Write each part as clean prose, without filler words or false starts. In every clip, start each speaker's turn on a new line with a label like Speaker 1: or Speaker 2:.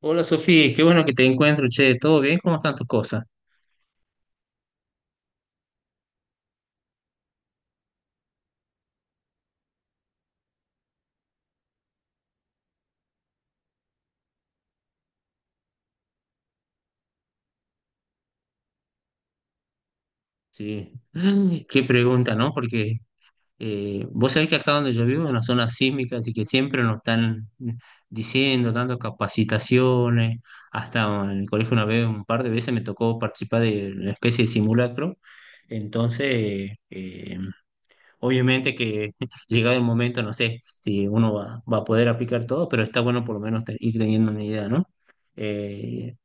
Speaker 1: Hola Sofía, qué bueno que te encuentro, che, ¿todo bien? ¿Cómo están tus cosas? Sí, qué pregunta, ¿no? Porque vos sabés que acá donde yo vivo es una zona sísmica, así que siempre nos están diciendo, dando capacitaciones, hasta en el colegio una vez, un par de veces me tocó participar de una especie de simulacro, entonces, obviamente que llegado el momento, no sé si uno va a poder aplicar todo, pero está bueno por lo menos ir teniendo una idea, ¿no? Eh,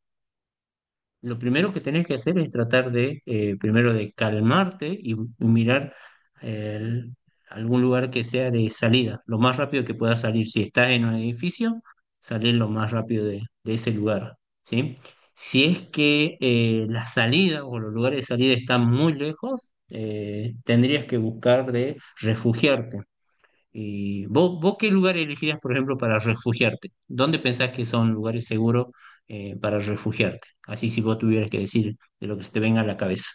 Speaker 1: lo primero que tenés que hacer es tratar de primero de calmarte y mirar el- algún lugar que sea de salida, lo más rápido que puedas salir. Si estás en un edificio, salir lo más rápido de ese lugar, ¿sí? Si es que la salida o los lugares de salida están muy lejos, tendrías que buscar de refugiarte. ¿Vos qué lugar elegirías, por ejemplo, para refugiarte? ¿Dónde pensás que son lugares seguros para refugiarte? Así si vos tuvieras que decir de lo que se te venga a la cabeza.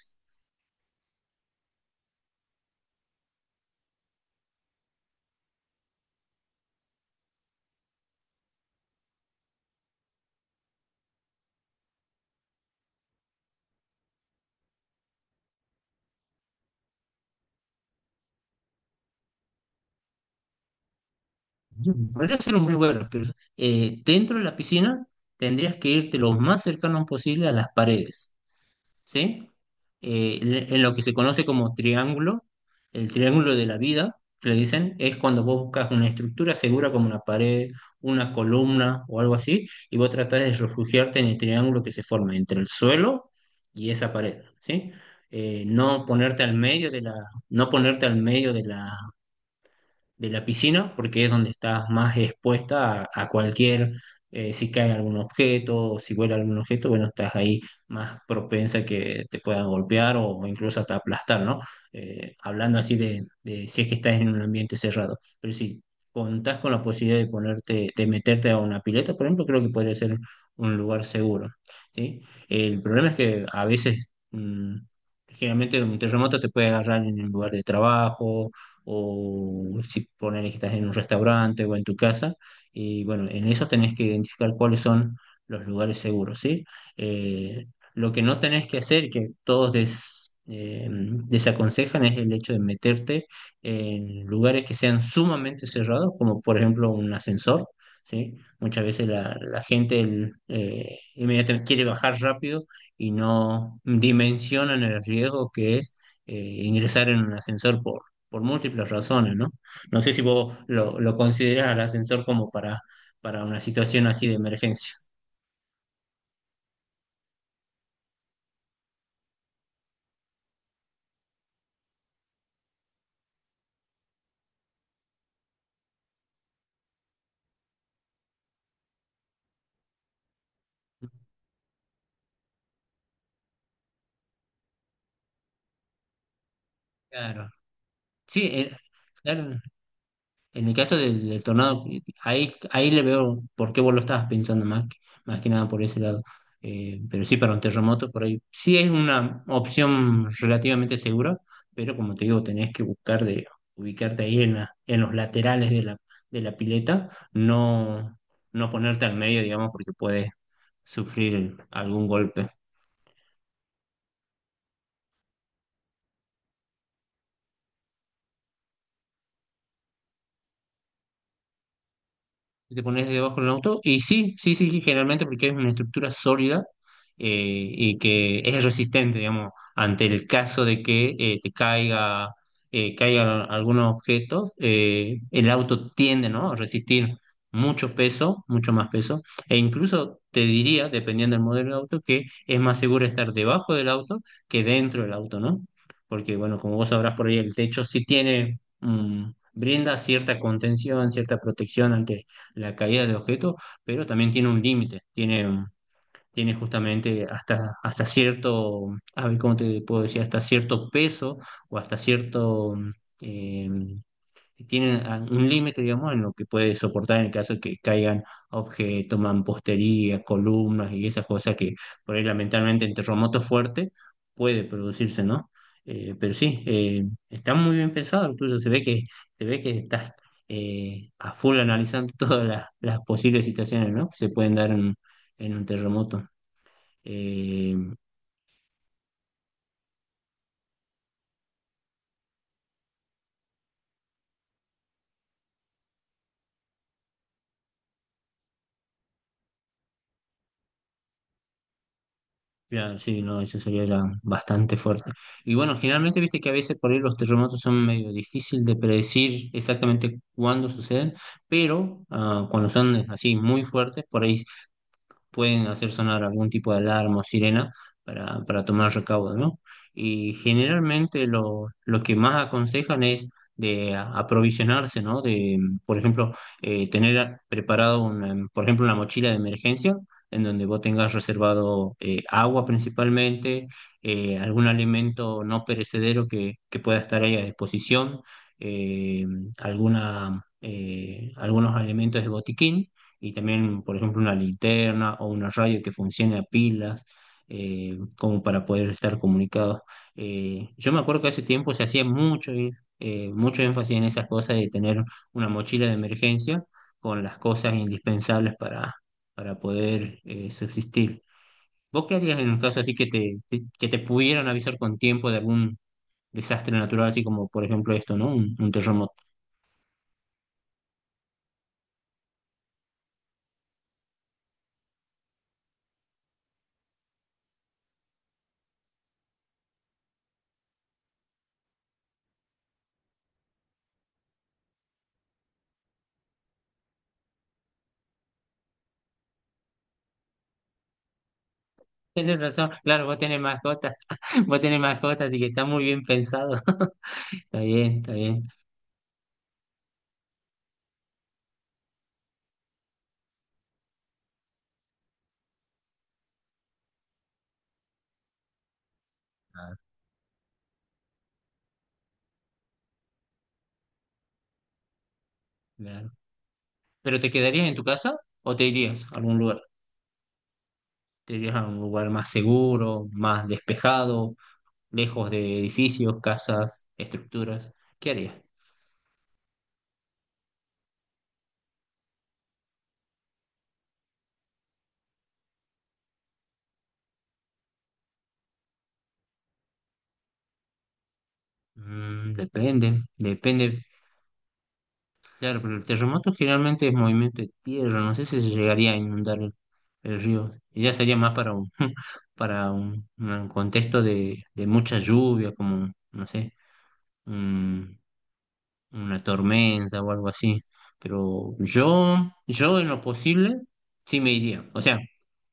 Speaker 1: Podría ser un buen lugar, pero dentro de la piscina tendrías que irte lo más cercano posible a las paredes. ¿Sí? En lo que se conoce como triángulo, el triángulo de la vida, que le dicen, es cuando vos buscas una estructura segura como una pared, una columna o algo así, y vos tratás de refugiarte en el triángulo que se forma entre el suelo y esa pared, ¿sí? No ponerte al medio de no ponerte al medio de la piscina, porque es donde estás más expuesta a cualquier, si cae algún objeto o si vuela algún objeto, bueno, estás ahí más propensa que te puedan golpear o incluso hasta aplastar, ¿no? Hablando así de si es que estás en un ambiente cerrado. Pero si contás con la posibilidad de ponerte, de meterte a una pileta, por ejemplo, creo que podría ser un lugar seguro, ¿sí? El problema es que a veces... mm, generalmente un terremoto te puede agarrar en el lugar de trabajo, o si poner que estás en un restaurante o en tu casa. Y bueno, en eso tenés que identificar cuáles son los lugares seguros, ¿sí? Eh, lo que no tenés que hacer, que todos desaconsejan, es el hecho de meterte en lugares que sean sumamente cerrados, como por ejemplo un ascensor, ¿sí? Muchas veces la gente inmediatamente quiere bajar rápido y no dimensionan el riesgo que es eh, ingresar en un ascensor por múltiples razones, ¿no? No sé si vos lo considerás al ascensor como para una situación así de emergencia. Claro. Sí, claro, en el caso del tornado, ahí le veo por qué vos lo estabas pensando más que nada por ese lado. Pero sí, para un terremoto, por ahí sí es una opción relativamente segura, pero como te digo, tenés que buscar de ubicarte ahí en los laterales de de la pileta, no, no ponerte al medio, digamos, porque puedes sufrir algún golpe. Y te pones debajo del auto. Y sí, sí, sí, sí, generalmente porque es una estructura sólida eh, y que es resistente, digamos, ante el caso de que te caiga, caigan algunos objetos, el auto tiende, ¿no?, a resistir mucho peso, mucho más peso. E incluso te diría, dependiendo del modelo de auto, que es más seguro estar debajo del auto que dentro del auto, ¿no? Porque, bueno, como vos sabrás por ahí, el techo sí tiene... mm, brinda cierta contención, cierta protección ante la caída de objetos, pero también tiene un límite, tiene justamente hasta, hasta cierto, a ver, ¿cómo te puedo decir? Hasta cierto peso o hasta cierto, em, que tienen un límite, digamos, en lo que puede soportar en el caso de que caigan objetos, mampostería, columnas y esas cosas que por ahí lamentablemente en terremotos fuertes puede producirse, ¿no? Pero sí, está muy bien pensado lo tuyo, se ve que estás a full analizando todas las posibles situaciones, ¿no?, que se pueden dar en un terremoto. Eh, Claro, sí, no, eso sería ya bastante fuerte. Y bueno, generalmente viste que a veces por ahí los terremotos son medio difícil de predecir exactamente cuándo suceden, pero cuando son así muy fuertes, por ahí pueden hacer sonar algún tipo de alarma o sirena para tomar recaudo, ¿no? Y generalmente lo que más aconsejan es de aprovisionarse, ¿no? De, por ejemplo, preparado, una, por ejemplo, una mochila de emergencia en donde vos tengas reservado agua principalmente, algún alimento no perecedero que pueda estar ahí a disposición, eh, algunos alimentos de botiquín y también, por ejemplo, una linterna o una radio que funcione a pilas, como para poder estar comunicados. Yo me acuerdo que hace tiempo se hacía mucho, mucho énfasis en esas cosas de tener una mochila de emergencia con las cosas indispensables para poder subsistir. ¿Vos qué harías en un caso así que que te pudieran avisar con tiempo de algún desastre natural, así como por ejemplo esto, ¿no? Un terremoto. Tienes razón, claro, vos tenés mascotas, vos tenés mascotas, así que está muy bien pensado. Está bien, está bien. Ah, claro. ¿Pero te quedarías en tu casa o te irías a algún lugar? ¿Te irías a un lugar más seguro, más despejado, lejos de edificios, casas, estructuras? ¿Qué harías? Mm, depende, depende. Claro, pero el terremoto generalmente es movimiento de tierra, no sé si se llegaría a inundar el río. Y ya sería más para un, para un contexto de mucha lluvia, como, no sé, un- una tormenta o algo así. Pero yo en lo posible, sí me iría. O sea,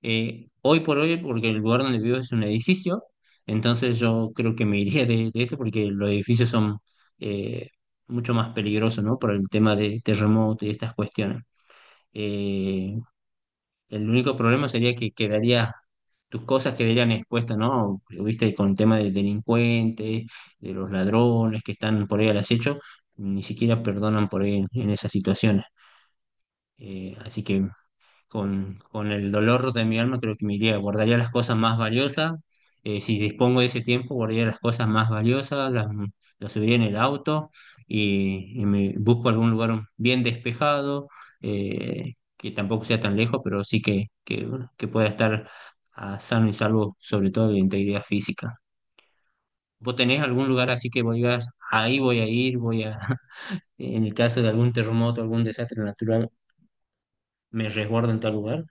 Speaker 1: hoy por hoy, porque el lugar donde vivo es un edificio, entonces yo creo que me iría de esto porque los edificios son eh, mucho más peligrosos, ¿no? Por el tema de terremoto y estas cuestiones. Eh, el único problema sería que quedaría, tus cosas quedarían expuestas, ¿no? Viste, con el tema de delincuentes, de los ladrones que están por ahí al acecho, ni siquiera perdonan por ahí en esas situaciones. Así que con el dolor de mi alma, creo que me iría, guardaría las cosas más valiosas. Si dispongo de ese tiempo, guardaría las cosas más valiosas, las subiría en el auto y me busco algún lugar bien despejado, que tampoco sea tan lejos, pero sí que, bueno, que pueda estar sano y salvo, sobre todo de integridad física. ¿Vos tenés algún lugar así que vos digas, ahí voy a ir, voy a, en el caso de algún terremoto, algún desastre natural, me resguardo en tal lugar?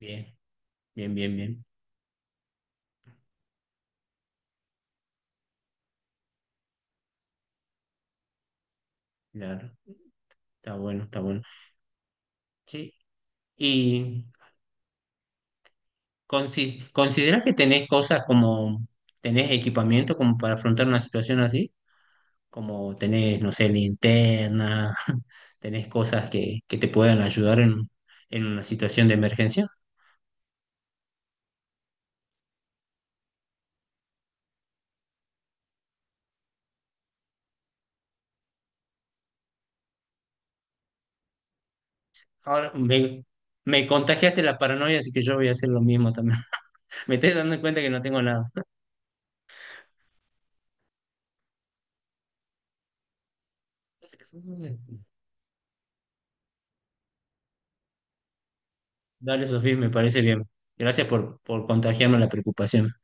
Speaker 1: Bien, bien, bien, bien. Claro, está bueno, está bueno. Sí, y ¿consideras que tenés cosas como, tenés equipamiento como para afrontar una situación así? Como tenés, no sé, linterna, tenés cosas que te puedan ayudar en una situación de emergencia. Ahora, me contagiaste la paranoia, así que yo voy a hacer lo mismo también. Me estoy dando cuenta que no tengo nada. Dale, Sofía, me parece bien. Gracias por contagiarme la preocupación.